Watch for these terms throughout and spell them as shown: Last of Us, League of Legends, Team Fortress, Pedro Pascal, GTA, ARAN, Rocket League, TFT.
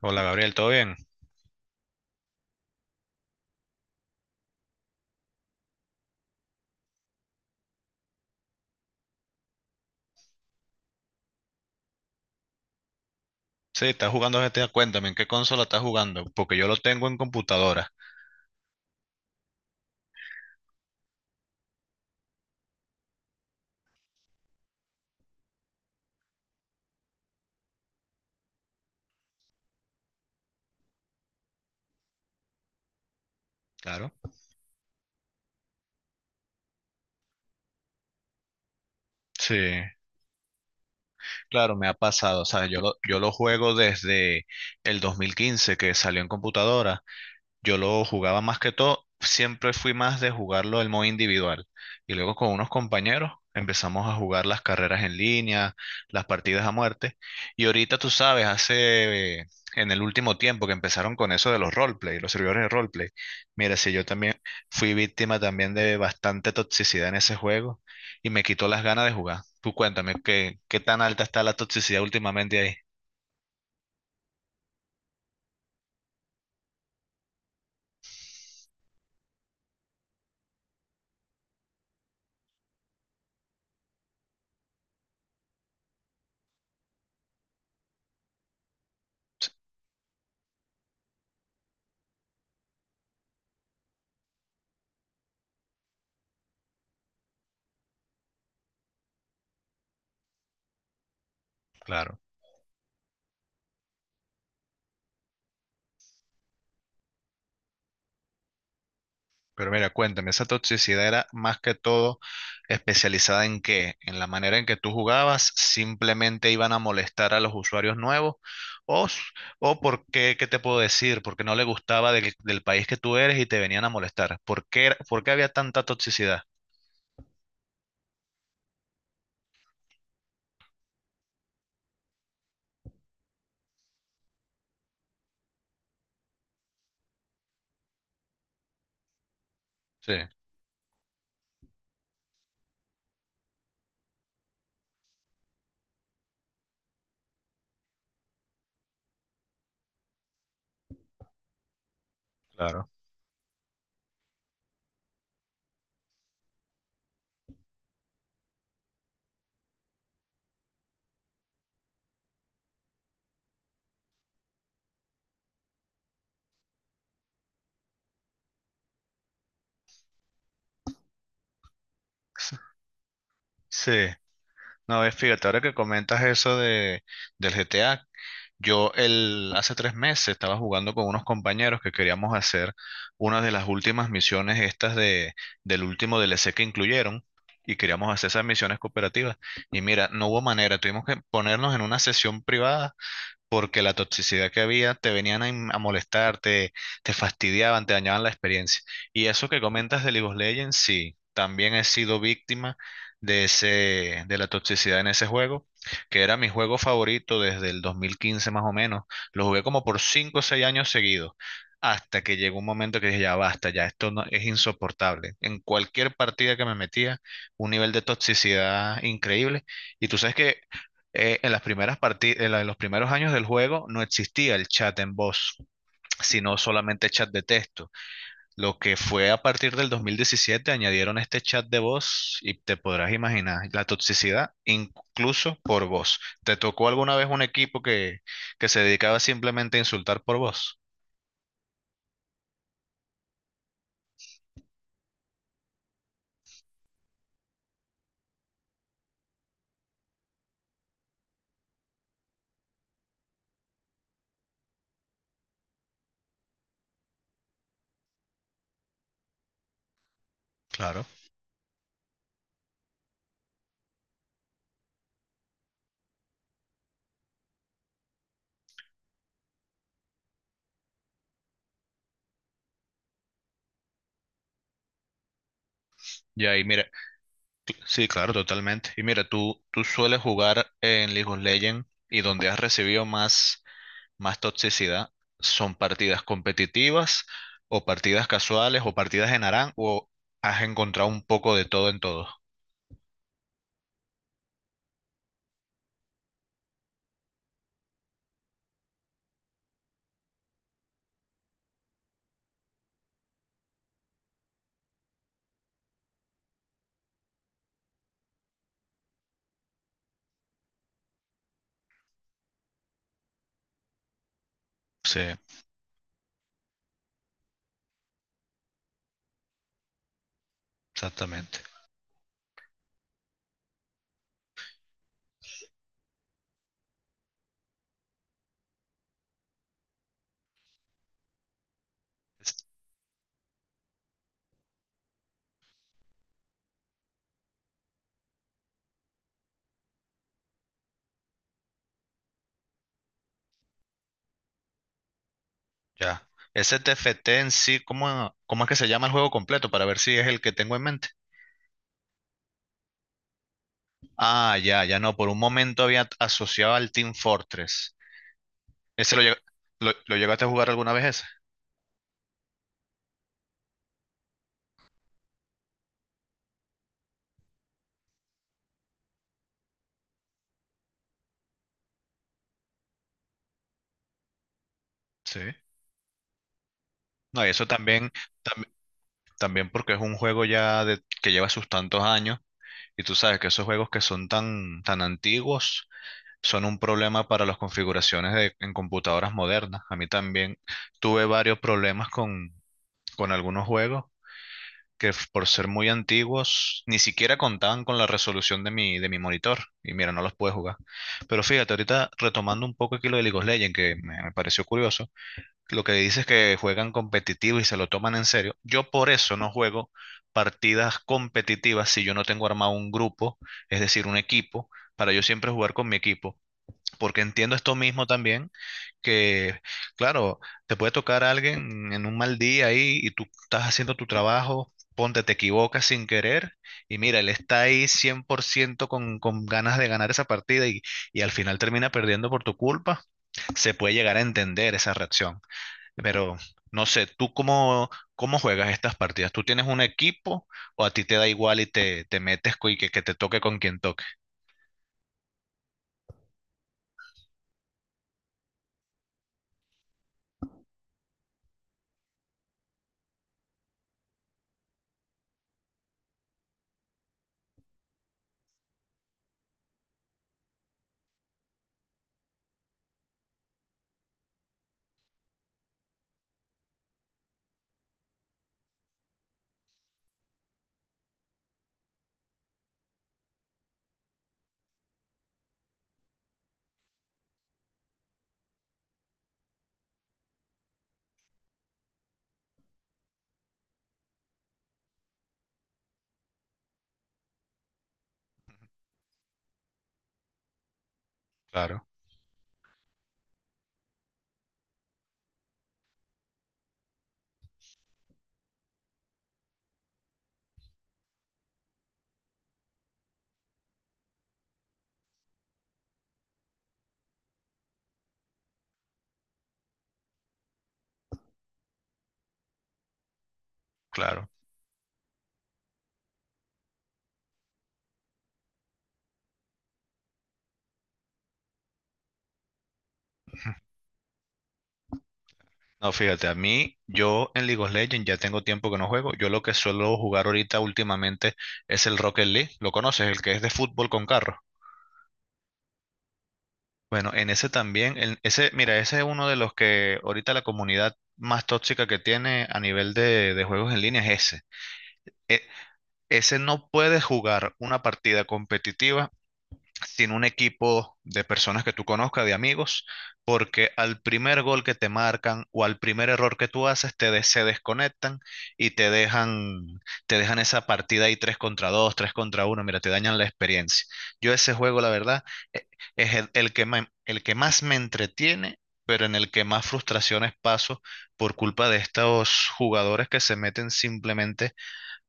Hola Gabriel, ¿todo bien? Sí, estás jugando GTA, cuéntame, ¿en qué consola estás jugando? Porque yo lo tengo en computadora. Claro. Sí, claro, me ha pasado, o sea, yo lo juego desde el 2015 que salió en computadora. Yo lo jugaba más que todo, siempre fui más de jugarlo el modo individual. Y luego con unos compañeros empezamos a jugar las carreras en línea, las partidas a muerte. Y ahorita tú sabes, hace en el último tiempo que empezaron con eso de los roleplay, los servidores de roleplay. Mira, si yo también fui víctima también de bastante toxicidad en ese juego y me quitó las ganas de jugar. Tú cuéntame, ¿qué, qué tan alta está la toxicidad últimamente ahí? Claro. Pero mira, cuéntame, ¿esa toxicidad era más que todo especializada en qué? ¿En la manera en que tú jugabas? ¿Simplemente iban a molestar a los usuarios nuevos? ¿O, s- o por qué, qué te puedo decir? Porque no le gustaba del país que tú eres y te venían a molestar. ¿Por qué, por qué había tanta toxicidad? Sí, claro. Sí, no, ves fíjate, ahora que comentas del GTA, hace 3 meses estaba jugando con unos compañeros que queríamos hacer una de las últimas misiones estas de, del último DLC que incluyeron y queríamos hacer esas misiones cooperativas. Y mira, no hubo manera, tuvimos que ponernos en una sesión privada porque la toxicidad que había te venían a, a molestar, te fastidiaban, te dañaban la experiencia. Y eso que comentas de League of Legends, sí, también he sido víctima de ese, de la toxicidad en ese juego, que era mi juego favorito desde el 2015 más o menos. Lo jugué como por 5 o 6 años seguidos. Hasta que llegó un momento que dije, ya basta, ya esto no, es insoportable. En cualquier partida que me metía, un nivel de toxicidad increíble. Y tú sabes que en las en los primeros años del juego no existía el chat en voz, sino solamente chat de texto. Lo que fue a partir del 2017 añadieron este chat de voz y te podrás imaginar la toxicidad incluso por voz. ¿Te tocó alguna vez un que se dedicaba simplemente a insultar por voz? Claro. Y ahí, mira, sí, claro, totalmente. Y mira, tú sueles jugar en League of Legends y donde has recibido más más toxicidad son partidas competitivas o partidas casuales o partidas en ARAN o has encontrado un poco de todo en todo. Sí, exactamente. Es- Ya. Ese TFT en sí, cómo es que se llama el juego completo? Para ver si es el que tengo en mente. Ah, ya, ya no. Por un momento había asociado al Team Fortress. ¿Ese lo, lleg- lo llegaste a jugar alguna vez ese? Sí. No, y eso también, tam- también porque es un juego ya de, que lleva sus tantos años. Y tú sabes que esos juegos que son tan, tan antiguos son un problema para las configuraciones en computadoras modernas. A mí también tuve varios problemas con algunos juegos por ser muy antiguos ni siquiera contaban con la resolución de de mi monitor. Y mira, no los pude jugar. Pero fíjate, ahorita retomando un poco aquí lo de League of Legends, que me pareció curioso. Lo que dices que juegan competitivo y se lo toman en serio. Yo por eso no juego partidas competitivas si yo no tengo armado un grupo, es decir, un equipo, para yo siempre jugar con mi equipo. Porque entiendo esto mismo también, que claro, te puede tocar a alguien en un mal día ahí y tú estás haciendo tu trabajo, ponte, te equivocas sin querer y mira, él está ahí 100% con ganas de ganar esa partida y al final termina perdiendo por tu culpa, se puede llegar a entender esa reacción. Pero no sé, cómo juegas estas partidas? ¿Tú tienes un equipo o a ti te da igual y te metes y que te toque con quien toque? Claro, claro. No, fíjate, a mí, yo en League of Legends ya tengo tiempo que no juego. Yo lo que suelo jugar ahorita últimamente es el Rocket League. ¿Lo conoces? El que es de fútbol con carros. Bueno, en ese también, en ese, mira, ese es uno de los que ahorita la comunidad más tóxica que tiene a nivel de juegos en línea es ese. E- ese no puede jugar una partida competitiva sin un equipo de personas que tú conozcas, de amigos, porque al primer gol que te marcan o al primer error que tú haces, se desconectan y te dejan esa partida ahí 3 contra 2 3 contra uno mira, te dañan la experiencia. Yo ese juego, la verdad, e- es el que, el que más me entretiene, pero en el que más frustraciones paso por culpa de estos jugadores que se meten simplemente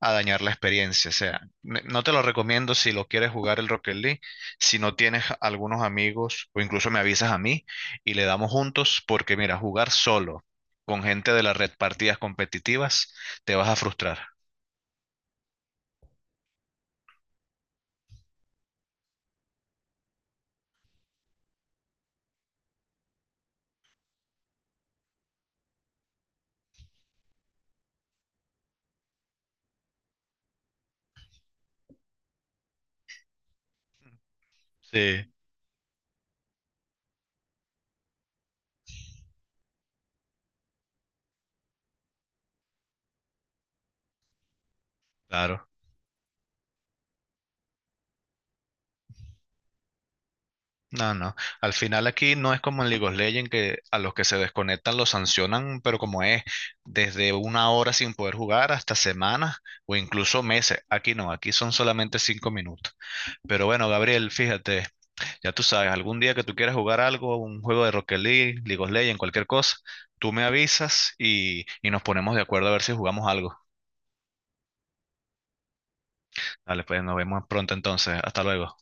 a dañar la experiencia. O sea, no te lo recomiendo si lo quieres jugar el Rocket League, si no tienes algunos amigos o incluso me avisas a mí y le damos juntos, porque mira, jugar solo con gente de la red partidas competitivas, te vas a frustrar. Sí, claro. No, no. Al final aquí no es como en League of Legends que a los que se desconectan los sancionan, pero como es desde una hora sin poder jugar hasta semanas o incluso meses. Aquí no, aquí son solamente 5 minutos. Pero bueno, Gabriel, fíjate, ya tú sabes, algún día que tú quieras jugar algo, un juego de Rocket League, League of Legends, cualquier cosa, tú me avisas y nos ponemos de acuerdo a ver si jugamos algo. Dale, pues nos vemos pronto entonces. Hasta luego.